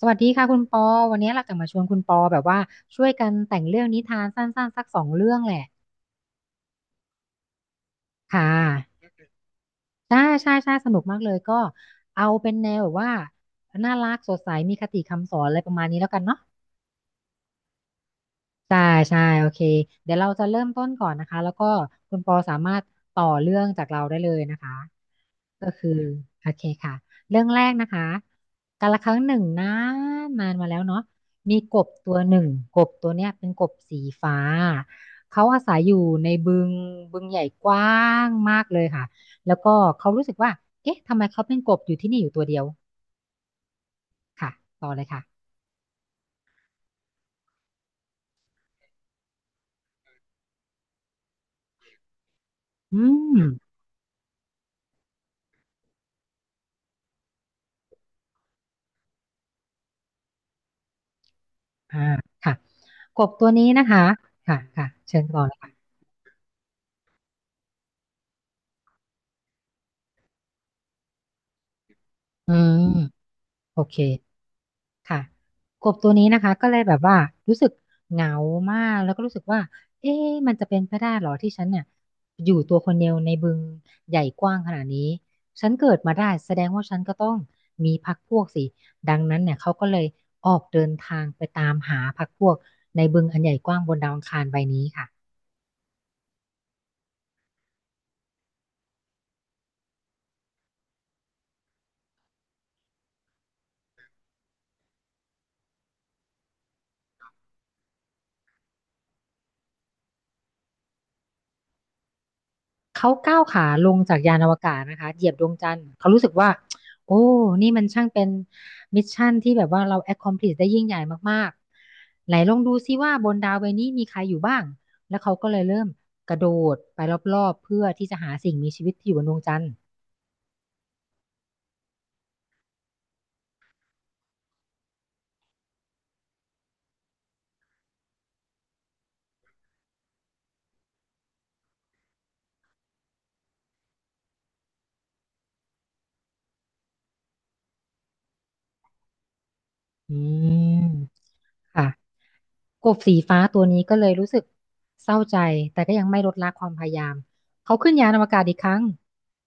สวัสดีค่ะคุณปอวันนี้เราจะมาชวนคุณปอแบบว่าช่วยกันแต่งเรื่องนิทานสั้นๆสักสองเรื่องแหละค่ะใช่ใช่ใช่สนุกมากเลยก็เอาเป็นแนวแบบว่าน่ารักสดใสมีคติคำสอนอะไรประมาณนี้แล้วกันเนาะใช่ใช่โอเคเดี๋ยวเราจะเริ่มต้นก่อนนะคะแล้วก็คุณปอสามารถต่อเรื่องจากเราได้เลยนะคะ ก็คือโอเคค่ะเรื่องแรกนะคะกาละครั้งหนึ่งนานนานมาแล้วเนาะมีกบตัวหนึ่งกบตัวเนี้ยเป็นกบสีฟ้าเขาอาศัยอยู่ในบึงบึงใหญ่กว้างมากเลยค่ะแล้วก็เขารู้สึกว่าเอ๊ะทำไมเขาเป็นกบอยู่ที่นี่อยู่ตัวเดียวค่ะต่อเลยค่ะอืมอ่าค่ะกบตัวนี้นะคะค่ะค่ะเชิญต่อเลยค่ะอืมโอเค ค่ะกบตัวนี้นะคะก็เลยแบบว่ารู้สึกเหงามากแล้วก็รู้สึกว่าเอ๊ะมันจะเป็นไปได้เหรอที่ฉันเนี่ยอยู่ตัวคนเดียวในบึงใหญ่กว้างขนาดนี้ฉันเกิดมาได้แสดงว่าฉันก็ต้องมีพรรคพวกสิดังนั้นเนี่ยเขาก็เลยออกเดินทางไปตามหาพรรคพวกในบึงอันใหญ่กว้างบนดาวอังคารใบนี้ค่ะ เขาก้าวขาลงจากยานอวกาศนะคะเหยียบดวงจันทร์เขารู้สึกว่าโอ้นี่มันช่างเป็นมิชชั่นที่แบบว่าเรา accomplish ได้ยิ่งใหญ่มากๆไหนลองดูซิว่าบนดาวใบนี้มีใครอยู่บ้างแล้วเขาก็เลยเริ่มกระโดดไปรอบๆเพื่อที่จะหาสิ่งมีชีวิตที่อยู่บนดวงจันทร์ อืมค่ะกบสีฟ้าตัวนี้ก็เลยรู้สึกเศร้าใจแต่ก็ยังไม่ลดละความพยายามเขาขึ้นยานอวกาศอีกครั้ง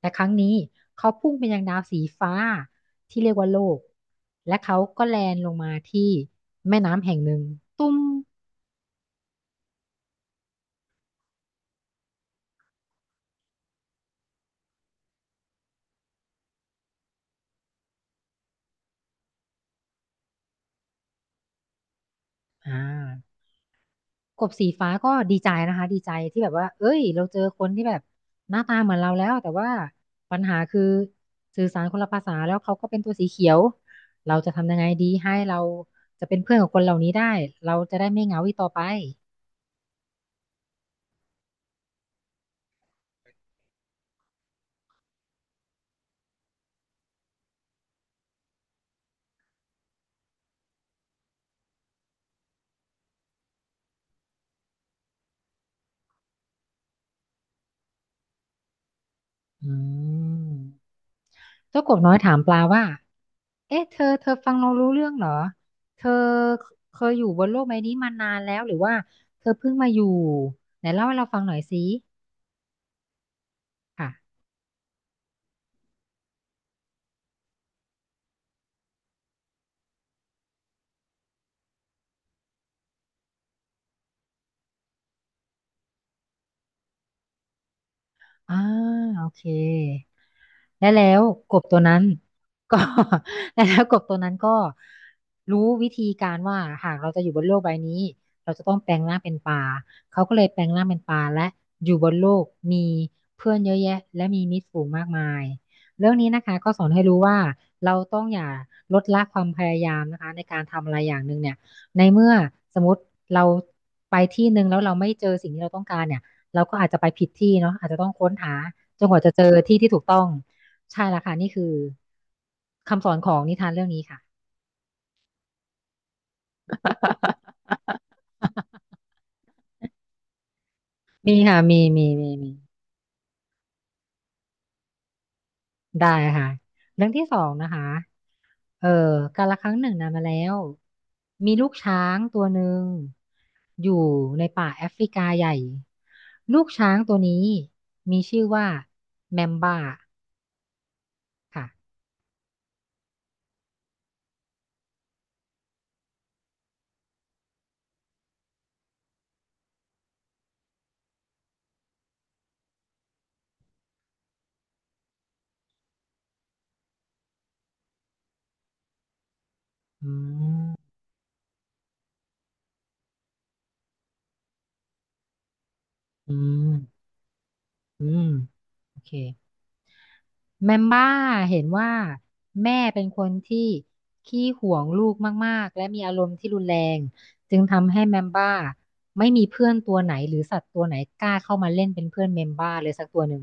แต่ครั้งนี้เขาพุ่งไปยังดาวสีฟ้าที่เรียกว่าโลกและเขาก็แลนลงมาที่แม่น้ำแห่งหนึ่งตุ้มอ่า กบสีฟ้าก็ดีใจนะคะดีใจที่แบบว่าเอ้ยเราเจอคนที่แบบหน้าตาเหมือนเราแล้วแต่ว่าปัญหาคือสื่อสารคนละภาษาแล้วเขาก็เป็นตัวสีเขียวเราจะทำยังไงดีให้เราจะเป็นเพื่อนกับคนเหล่านี้ได้เราจะได้ไม่เหงาอีกต่อไปอืมเจ้ากบน้อยถามปลาว่าเอ๊ะเธอฟังเรารู้เรื่องเหรอเธอเคยอยู่บนโลกใบนี้มานานแล้วหรือว่าเธอเพิ่งมาอยู่ไหนเล่าให้เราฟังหน่อยสิค่ะอ่าโอเค และแล้วกบตัวนั้นก็ และแล้วกบตัวนั้นก็รู้วิธีการว่าหากเราจะอยู่บนโลกใบนี้เราจะต้องแปลงร่างเป็นปลาเขาก็เลยแปลงร่างเป็นปลาและอยู่บนโลกมีเพื่อนเยอะแยะและมีมิตรฝูงมากมายเรื่องนี้นะคะก็สอนให้รู้ว่าเราต้องอย่าลดละความพยายามนะคะในการทำอะไรอย่างหนึ่งเนี่ยในเมื่อสมมติเราไปที่หนึ่งแล้วเราไม่เจอสิ่งที่เราต้องการเนี่ยเราก็อาจจะไปผิดที่เนาะอาจจะต้องค้นหาจนกว่าจะเจอที่ที่ถูกต้อง ใช่ละค่ะนี่คือคำสอนของนิทานเรื่องนี้ค่ะ มีค่ะมีได้ค่ะเรื่องที่สองนะคะเออกาลครั้งหนึ่งนานมาแล้วมีลูกช้างตัวหนึ่งอยู่ในป่าแอฟริกาใหญ่ลูกช้างตัวนี้มีชื่อว่าแมมบ้าค่ะอืมอืมโอเค แมมบ้าเห็นว่าแม่เป็นคนที่ขี้หวงลูกมากๆและมีอารมณ์ที่รุนแรงจึงทำให้แมมบ้าไม่มีเพื่อนตัวไหนหรือสัตว์ตัวไหนกล้าเข้ามาเล่นเป็นเพื่อนแมมบ้าเลยสักตัวหนึ่ง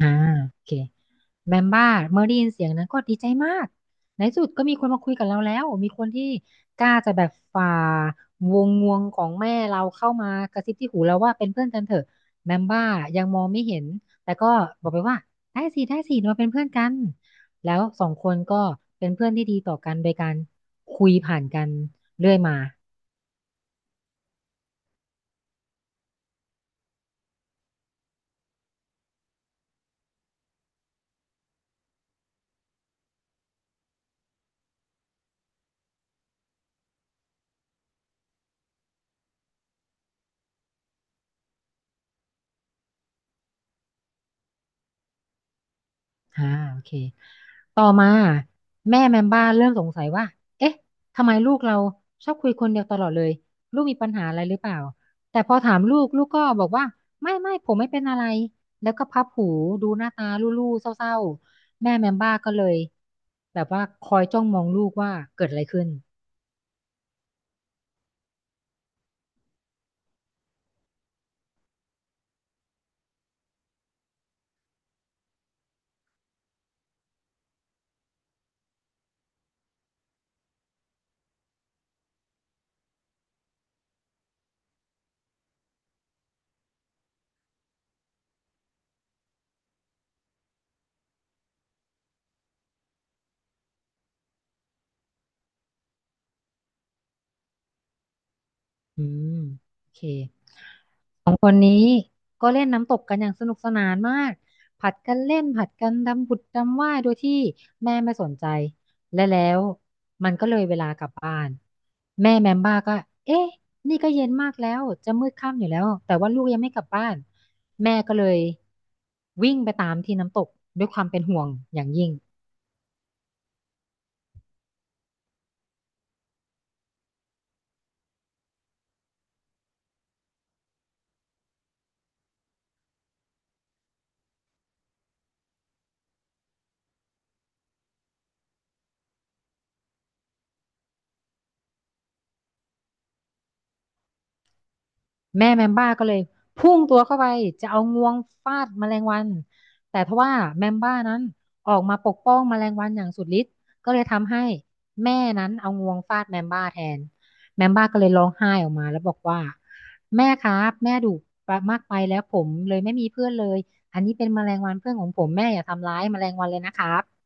อ่าโอเค แมมบ้าเมื่อได้ยินเสียงนั้นก็ดีใจมากในที่สุดก็มีคนมาคุยกับเราแล้วมีคนที่กล้าจะแบบฝ่าวงงวงของแม่เราเข้ามากระซิบที่หูเราว่าเป็นเพื่อนกันเถอะแมมบ้ายังมองไม่เห็นแต่ก็บอกไปว่าได้สิเราเป็นเพื่อนกันแล้วสองคนก็เป็นเพื่อนที่ดีต่อกันโดยการคุยผ่านกันเรื่อยมา อ่าโอเค ต่อมาแม่แมมบ้าเริ่มสงสัยว่า เอ๊ะ ทำไมลูกเราชอบคุยคนเดียวตลอดเลย ลูกมีปัญหาอะไรหรือเปล่า แต่พอถามลูกลูกก็บอกว่าไม่ผมไม่เป็นอะไร แล้วก็พับหูดูหน้าตาลู่ๆเศร้าๆ แม่แมมบ้าก็เลยแบบว่าคอยจ้องมองลูกว่าเกิดอะไรขึ้นอืมโอเค ก็เล่นน้ำตกกันอย่างสนุกสนานมากผัดกันเล่นผัดกันดำผุดดำว่ายโดยที่แม่ไม่สนใจและแล้วมันก็เลยเวลากลับบ้านแม่แมมบ้าก็เอ๊ะนี่ก็เย็นมากแล้วจะมืดค่ำอยู่แล้วแต่ว่าลูกยังไม่กลับบ้านแม่ก็เลยวิ่งไปตามที่น้ำตกด้วยความเป็นห่วงอย่างยิ่ง แม่แมมบ้าก็เลยพุ่งตัวเข้าไปจะเอางวงฟาดแมลงวันแต่ทว่าแมมบ้านั้นออกมาปกป้องแมลงวันอย่างสุดฤทธิ์ก็เลยทำให้แม่นั้นเอางวงฟาดแมมบ้าแทนแมมบ้าก็เลยร้องไห้ออกมาแล้วบอกว่าแม่ครับแม่ดุมากไปแล้วผมเลยไม่มีเพื่อนเลยอันนี้เป็นแมลงวันเพื่อนของผมแม่อย่าทำร้ายแมลงวันเลยนะครับ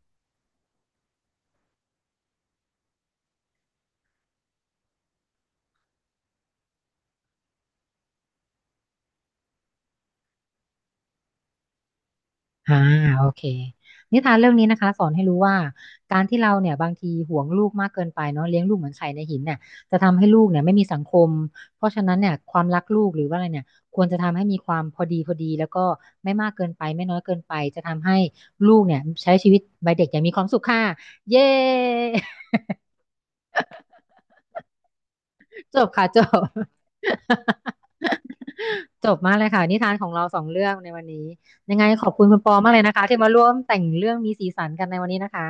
อ่าโอเคนิทานเรื่องนี้นะคะสอนให้รู้ว่าการที่เราเนี่ยบางทีห่วงลูกมากเกินไปเนาะเลี้ยงลูกเหมือนไข่ในหินเนี่ยจะทำให้ลูกเนี่ยไม่มีสังคมเพราะฉะนั้นเนี่ยความรักลูกหรือว่าอะไรเนี่ยควรจะทำให้มีความพอดีพอดีแล้วก็ไม่มากเกินไปไม่น้อยเกินไปจะทำให้ลูกเนี่ยใช้ชีวิตวัยเด็กอย่างมีความสุขค่ะเย้ จบค่ะจบ จบมากเลยค่ะนิทานของเราสองเรื่องในวันนี้ยังไงขอบคุณคุณปอมากเลยนะคะที่มาร่วมแต่งเรื่องมีสีสันกันในวันนี้นะคะ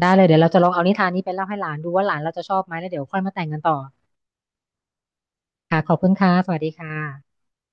ได้เลยเดี๋ยวเราจะลองเอานิทานนี้ไปเล่าให้หลานดูว่าหลานเราจะชอบไหมแล้วเดี๋ยวค่อยมาแต่งกันต่อค่ะขอบคุณค่ะสวัสดีค่ะ